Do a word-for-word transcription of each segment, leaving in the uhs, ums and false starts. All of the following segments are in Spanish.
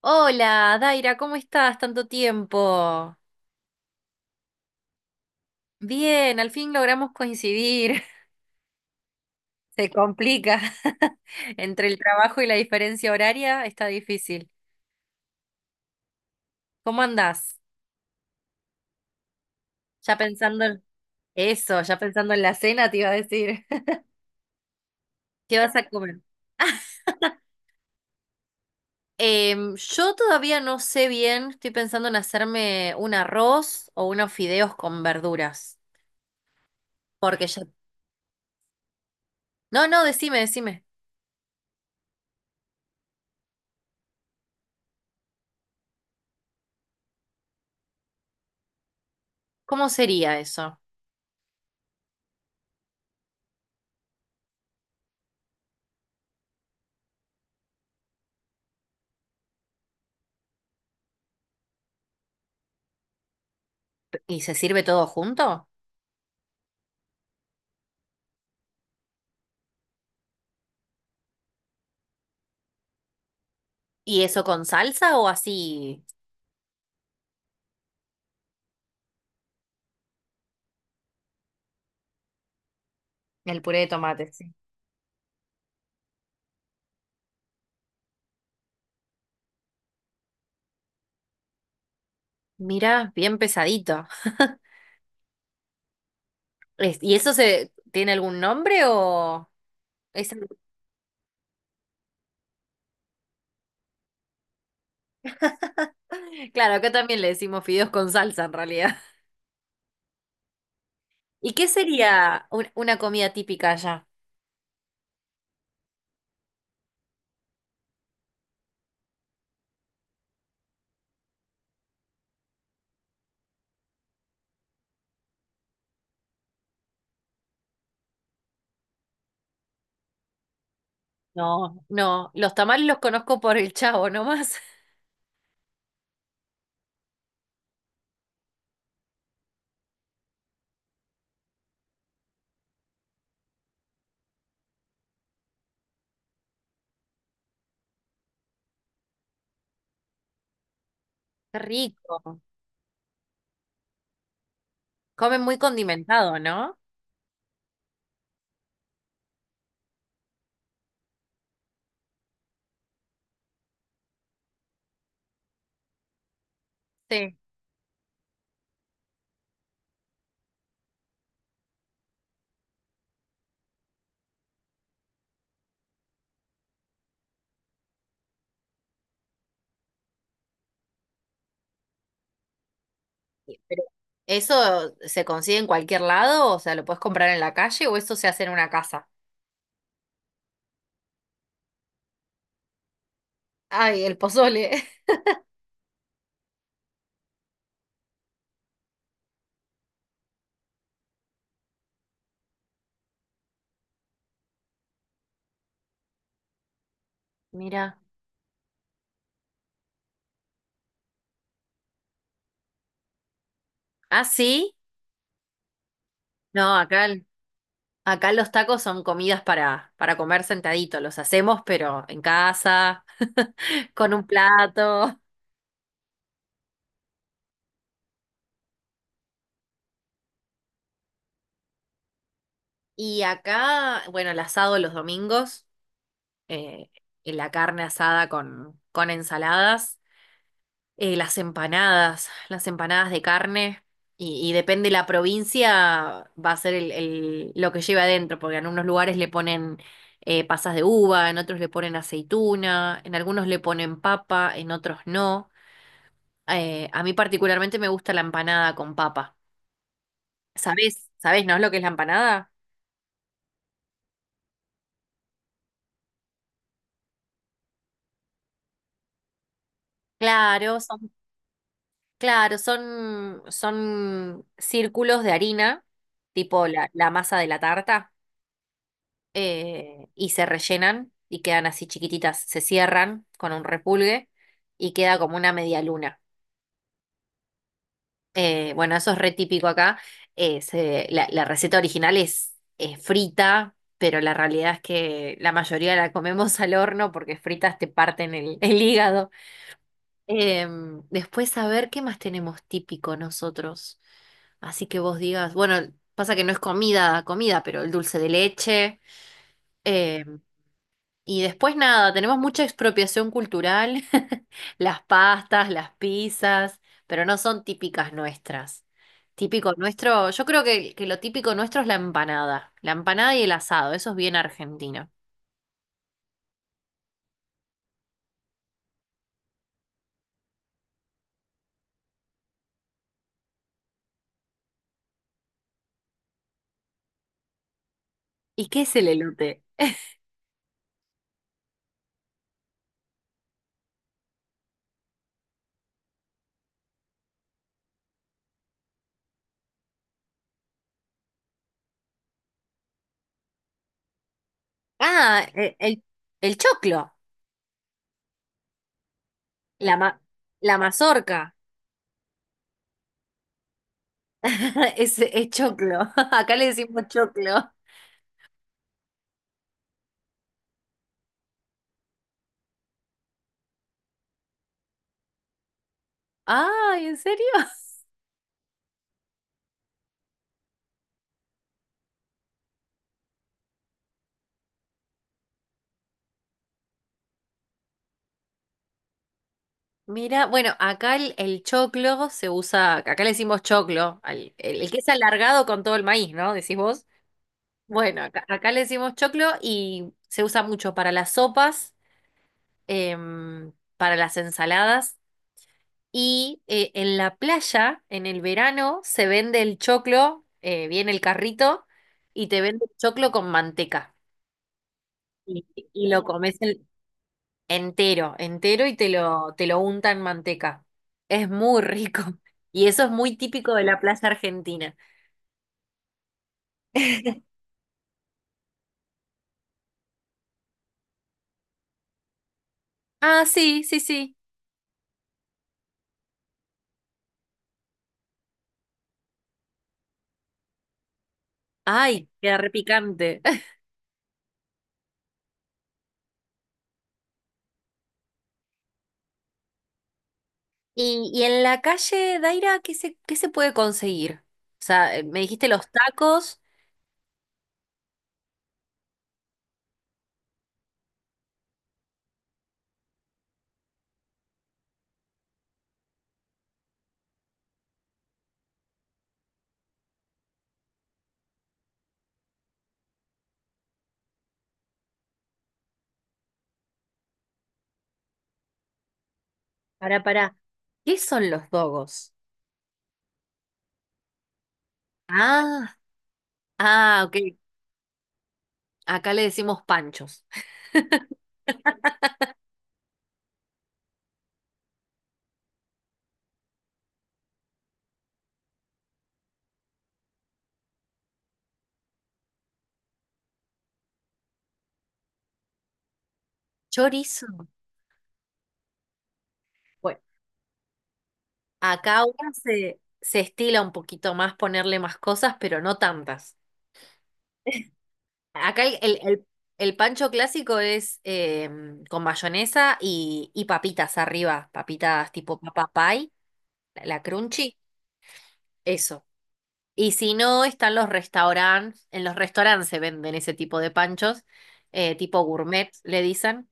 Hola, Daira, ¿cómo estás? Tanto tiempo. Bien, al fin logramos coincidir. Se complica. Entre el trabajo y la diferencia horaria está difícil. ¿Cómo andás? Ya pensando en eso, ya pensando en la cena, te iba a decir. ¿Qué vas a comer? Em, yo todavía no sé bien, estoy pensando en hacerme un arroz o unos fideos con verduras. Porque ya... No, no, decime, decime. ¿Cómo sería eso? ¿Y se sirve todo junto? ¿Y eso con salsa o así? El puré de tomate, sí. Mira, bien pesadito. Es- ¿Y eso se tiene algún nombre o es... algo- Claro, acá también le decimos fideos con salsa en realidad. ¿Y qué sería un- una comida típica allá? No, no, los tamales los conozco por el Chavo nomás. Qué rico. Comen muy condimentado, ¿no? Sí. Sí, pero ¿eso se consigue en cualquier lado? O sea, ¿lo puedes comprar en la calle o eso se hace en una casa? Ay, el pozole. Mira. Ah, sí. No, acá, acá los tacos son comidas para, para comer sentadito. Los hacemos, pero en casa, con un plato. Y acá, bueno, el asado los domingos, eh, y la carne asada con, con ensaladas. Eh, las empanadas, las empanadas de carne, y, y depende la provincia, va a ser el, el- lo que lleve adentro, porque en unos lugares le ponen eh, pasas de uva, en otros le ponen aceituna, en algunos le ponen papa, en otros no. Eh, a mí particularmente me gusta la empanada con papa. ¿Sabés? ¿Sabés, no es lo que es la empanada? Claro, son, claro, son, son círculos de harina, tipo la, la masa de la tarta. eh, y se rellenan y quedan así chiquititas, se cierran con un repulgue y queda como una media luna. Eh, bueno, eso es re típico acá. Eh, se- la, la receta original es, eh, frita, pero la realidad es que la mayoría la comemos al horno porque fritas te parten el, el hígado. Em, después, a ver, ¿qué más tenemos típico nosotros? Así que vos digas, bueno, pasa que no es comida, comida, pero el dulce de leche. em, Y después nada, tenemos mucha expropiación cultural, las pastas, las pizzas, pero no son típicas nuestras. Típico nuestro, yo creo que, que lo típico nuestro es la empanada, la empanada y el asado, eso es bien argentino. ¿Y qué es el elote? Ah, e- el, el choclo, la, ma- la mazorca, es, es choclo, acá le decimos choclo. Ay, ¿en serio? Mira, bueno, acá el, el choclo se usa, acá le decimos choclo, al- el, el que es alargado con todo el maíz, ¿no? Decís vos. Bueno, acá, acá le decimos choclo y se usa mucho para las sopas, em, para las ensaladas y eh, en la playa, en el verano, se vende el choclo, eh, viene el carrito y te vende el choclo con manteca y, y lo comes. Entero, entero y te lo, te lo unta en manteca. Es muy rico. Y eso es muy típico de la plaza argentina. Ah, sí, sí, sí. Ay, queda repicante. Y, y en la calle, Daira, ¿qué se, qué se puede conseguir? O sea, eh, me dijiste los tacos. Pará, pará. ¿Qué son los dogos? Ah, ah, ok. Acá le decimos panchos. Chorizo. Bueno, acá ahora se, se estila un poquito más ponerle más cosas, pero no tantas. Acá el, el- el- el pancho clásico es em, con mayonesa y, y papitas arriba, papitas tipo papa pie, la, la crunchy, eso. Y si no, están los restaurantes, en los restaurantes se venden ese tipo de panchos, eh, tipo gourmet, le dicen.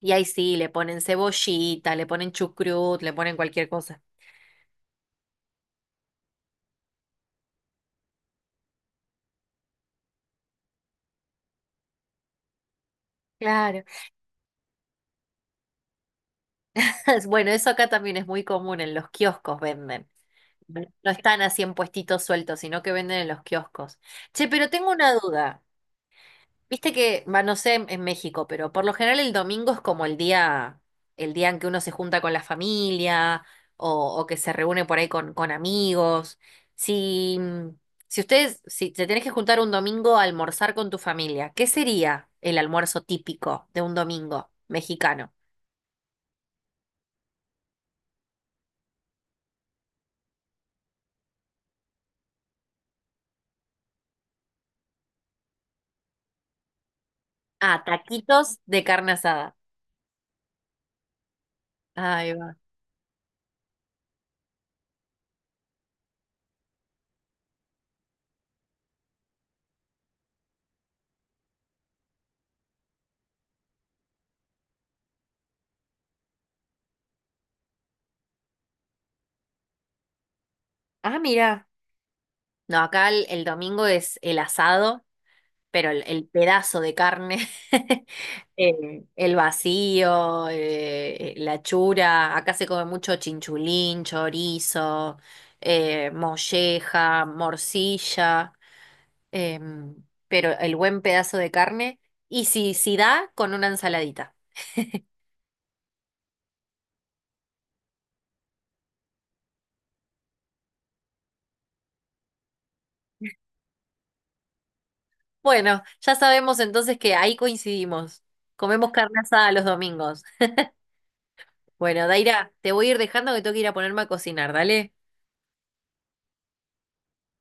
Y ahí sí, le ponen cebollita, le ponen chucrut, le ponen cualquier cosa. Claro. Bueno, eso acá también es muy común, en los kioscos venden. Bueno, no están así en puestitos sueltos, sino que venden en los kioscos. Che, pero tengo una duda. Viste que, va, no sé en, en México, pero por lo general el domingo es como el día, el día en que uno se junta con la familia o, o que se reúne por ahí con, con amigos. Si, si ustedes, si te tenés que juntar un domingo a almorzar con tu familia, ¿qué sería el almuerzo típico de un domingo mexicano? Ah, taquitos de carne asada. Ahí va. Ah, mira. No, acá el, el domingo es el asado, pero el, el pedazo de carne, eh, el vacío, eh, la chura. Acá se come mucho chinchulín, chorizo, eh, molleja, morcilla, em, pero el buen pedazo de carne. Y si, si da, con una ensaladita. Bueno, ya sabemos entonces que ahí coincidimos. Comemos carne asada los domingos. Bueno, Daira, te voy a ir dejando que tengo que ir a ponerme a cocinar, dale.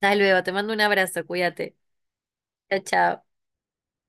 Hasta luego, te mando un abrazo, cuídate. Chao, chao.